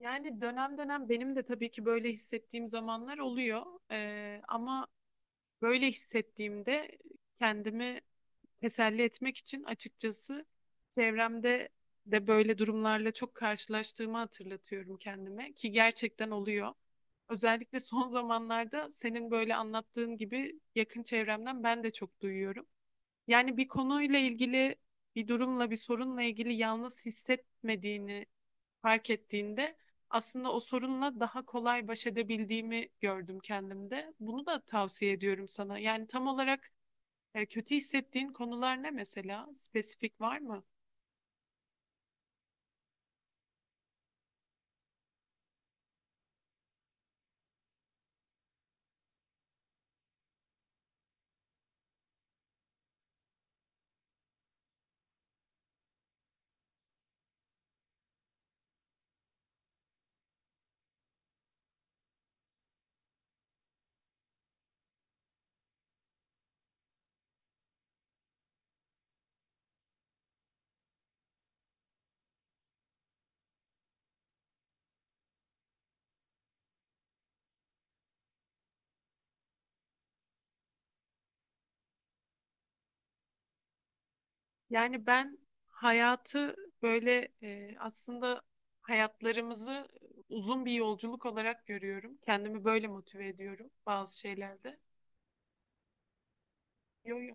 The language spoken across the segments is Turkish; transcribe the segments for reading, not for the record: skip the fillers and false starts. Yani dönem dönem benim de tabii ki böyle hissettiğim zamanlar oluyor. Ama böyle hissettiğimde kendimi teselli etmek için açıkçası çevremde de böyle durumlarla çok karşılaştığımı hatırlatıyorum kendime ki gerçekten oluyor. Özellikle son zamanlarda senin böyle anlattığın gibi yakın çevremden ben de çok duyuyorum. Yani bir konuyla ilgili, bir durumla, bir sorunla ilgili yalnız hissetmediğini fark ettiğinde aslında o sorunla daha kolay baş edebildiğimi gördüm kendimde. Bunu da tavsiye ediyorum sana. Yani tam olarak kötü hissettiğin konular ne mesela? Spesifik var mı? Yani ben hayatı böyle aslında hayatlarımızı uzun bir yolculuk olarak görüyorum. Kendimi böyle motive ediyorum bazı şeylerde. Yo, yo.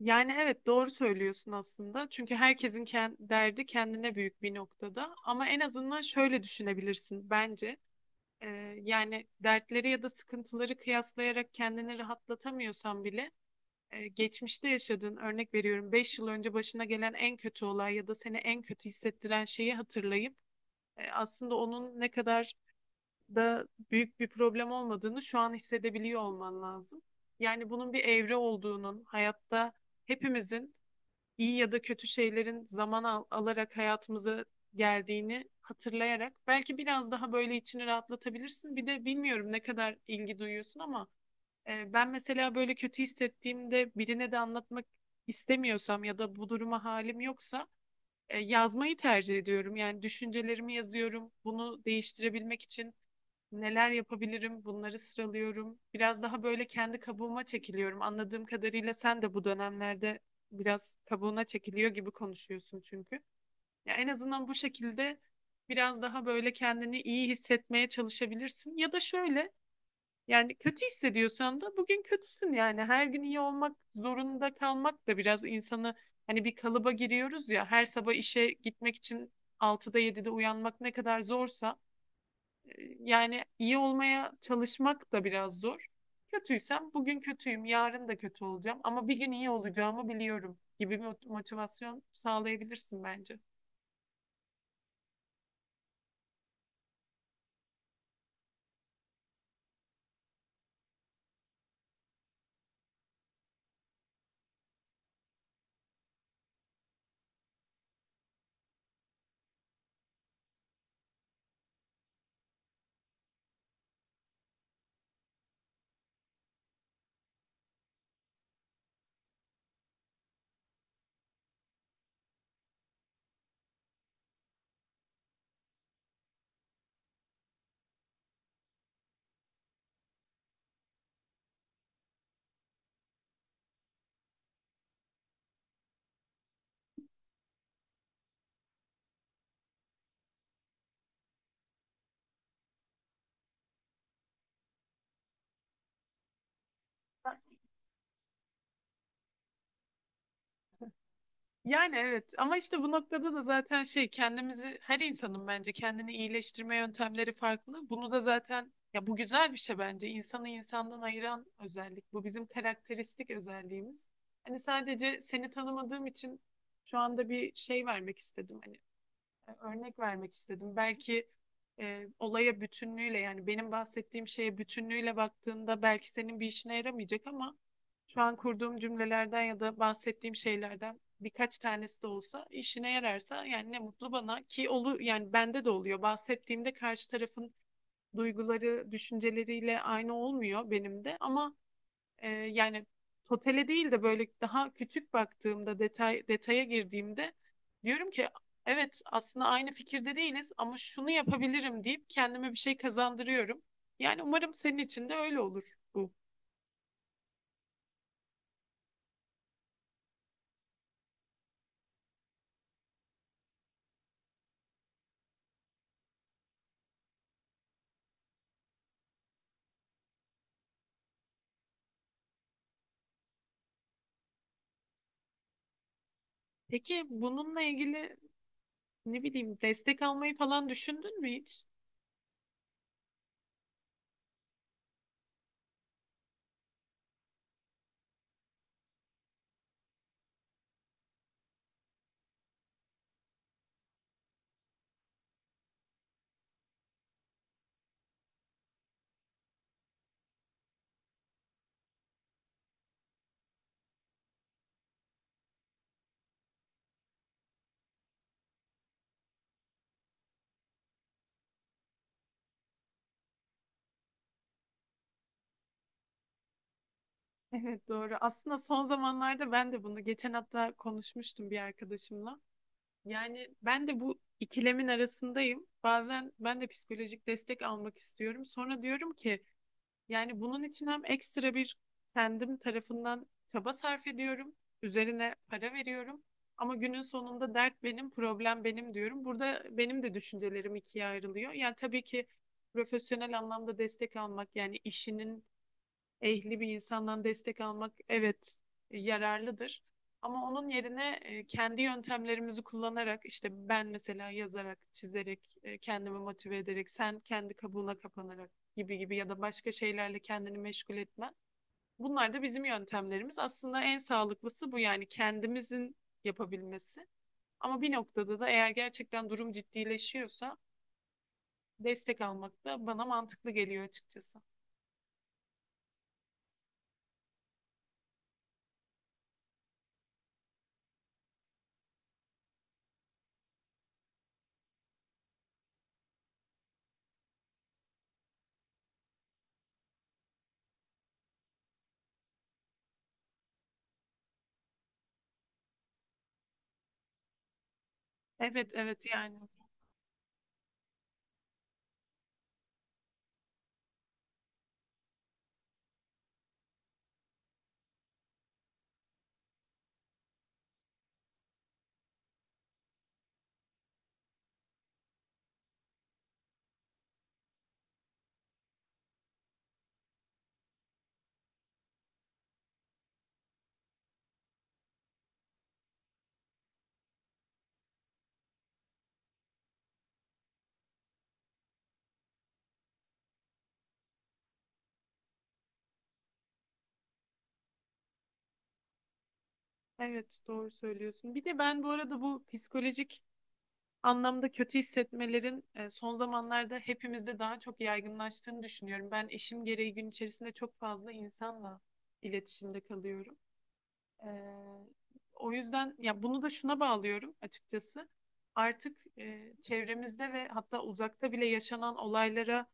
Yani evet doğru söylüyorsun aslında. Çünkü herkesin derdi kendine büyük bir noktada. Ama en azından şöyle düşünebilirsin bence. Yani dertleri ya da sıkıntıları kıyaslayarak kendini rahatlatamıyorsan bile geçmişte yaşadığın örnek veriyorum 5 yıl önce başına gelen en kötü olay ya da seni en kötü hissettiren şeyi hatırlayıp aslında onun ne kadar da büyük bir problem olmadığını şu an hissedebiliyor olman lazım. Yani bunun bir evre olduğunun hayatta hepimizin iyi ya da kötü şeylerin zaman alarak hayatımıza geldiğini hatırlayarak belki biraz daha böyle içini rahatlatabilirsin. Bir de bilmiyorum ne kadar ilgi duyuyorsun ama ben mesela böyle kötü hissettiğimde birine de anlatmak istemiyorsam ya da bu duruma halim yoksa yazmayı tercih ediyorum. Yani düşüncelerimi yazıyorum. Bunu değiştirebilmek için neler yapabilirim? Bunları sıralıyorum. Biraz daha böyle kendi kabuğuma çekiliyorum. Anladığım kadarıyla sen de bu dönemlerde biraz kabuğuna çekiliyor gibi konuşuyorsun çünkü. Ya en azından bu şekilde biraz daha böyle kendini iyi hissetmeye çalışabilirsin. Ya da şöyle yani kötü hissediyorsan da bugün kötüsün yani. Her gün iyi olmak zorunda kalmak da biraz insanı hani bir kalıba giriyoruz ya. Her sabah işe gitmek için 6'da 7'de uyanmak ne kadar zorsa yani iyi olmaya çalışmak da biraz zor. Kötüysem bugün kötüyüm, yarın da kötü olacağım ama bir gün iyi olacağımı biliyorum gibi bir motivasyon sağlayabilirsin bence. Yani evet ama işte bu noktada da zaten şey kendimizi her insanın bence kendini iyileştirme yöntemleri farklı. Bunu da zaten ya bu güzel bir şey bence. İnsanı insandan ayıran özellik. Bu bizim karakteristik özelliğimiz. Hani sadece seni tanımadığım için şu anda bir şey vermek istedim. Hani örnek vermek istedim. Belki olaya bütünlüğüyle yani benim bahsettiğim şeye bütünlüğüyle baktığında belki senin bir işine yaramayacak ama şu an kurduğum cümlelerden ya da bahsettiğim şeylerden birkaç tanesi de olsa işine yararsa yani ne mutlu bana ki olu yani bende de oluyor. Bahsettiğimde karşı tarafın duyguları, düşünceleriyle aynı olmuyor benim de ama yani totele değil de böyle daha küçük baktığımda detay detaya girdiğimde diyorum ki evet aslında aynı fikirde değiliz ama şunu yapabilirim deyip kendime bir şey kazandırıyorum. Yani umarım senin için de öyle olur bu. Peki bununla ilgili ne bileyim destek almayı falan düşündün mü hiç? Evet doğru. Aslında son zamanlarda ben de bunu geçen hafta konuşmuştum bir arkadaşımla. Yani ben de bu ikilemin arasındayım. Bazen ben de psikolojik destek almak istiyorum. Sonra diyorum ki yani bunun için hem ekstra bir kendim tarafından çaba sarf ediyorum. Üzerine para veriyorum. Ama günün sonunda dert benim, problem benim diyorum. Burada benim de düşüncelerim ikiye ayrılıyor. Yani tabii ki profesyonel anlamda destek almak yani işinin ehli bir insandan destek almak evet yararlıdır. Ama onun yerine kendi yöntemlerimizi kullanarak işte ben mesela yazarak, çizerek, kendimi motive ederek, sen kendi kabuğuna kapanarak gibi gibi ya da başka şeylerle kendini meşgul etmen. Bunlar da bizim yöntemlerimiz. Aslında en sağlıklısı bu yani kendimizin yapabilmesi. Ama bir noktada da eğer gerçekten durum ciddileşiyorsa destek almak da bana mantıklı geliyor açıkçası. Evet evet yani. Evet doğru söylüyorsun. Bir de ben bu arada bu psikolojik anlamda kötü hissetmelerin son zamanlarda hepimizde daha çok yaygınlaştığını düşünüyorum. Ben işim gereği gün içerisinde çok fazla insanla iletişimde kalıyorum. E, O yüzden ya bunu da şuna bağlıyorum açıkçası. Artık çevremizde ve hatta uzakta bile yaşanan olaylara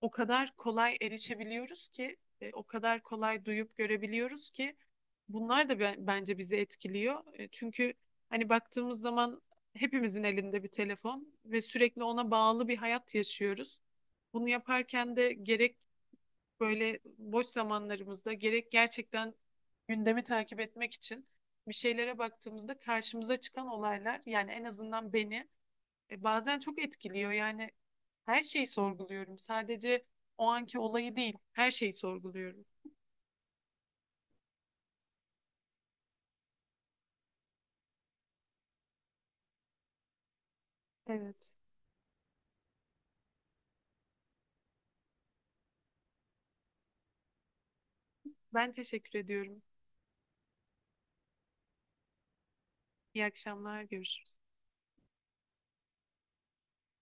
o kadar kolay erişebiliyoruz ki, o kadar kolay duyup görebiliyoruz ki bunlar da bence bizi etkiliyor. Çünkü hani baktığımız zaman hepimizin elinde bir telefon ve sürekli ona bağlı bir hayat yaşıyoruz. Bunu yaparken de gerek böyle boş zamanlarımızda gerek gerçekten gündemi takip etmek için bir şeylere baktığımızda karşımıza çıkan olaylar yani en azından beni bazen çok etkiliyor. Yani her şeyi sorguluyorum. Sadece o anki olayı değil, her şeyi sorguluyorum. Evet. Ben teşekkür ediyorum. İyi akşamlar, görüşürüz.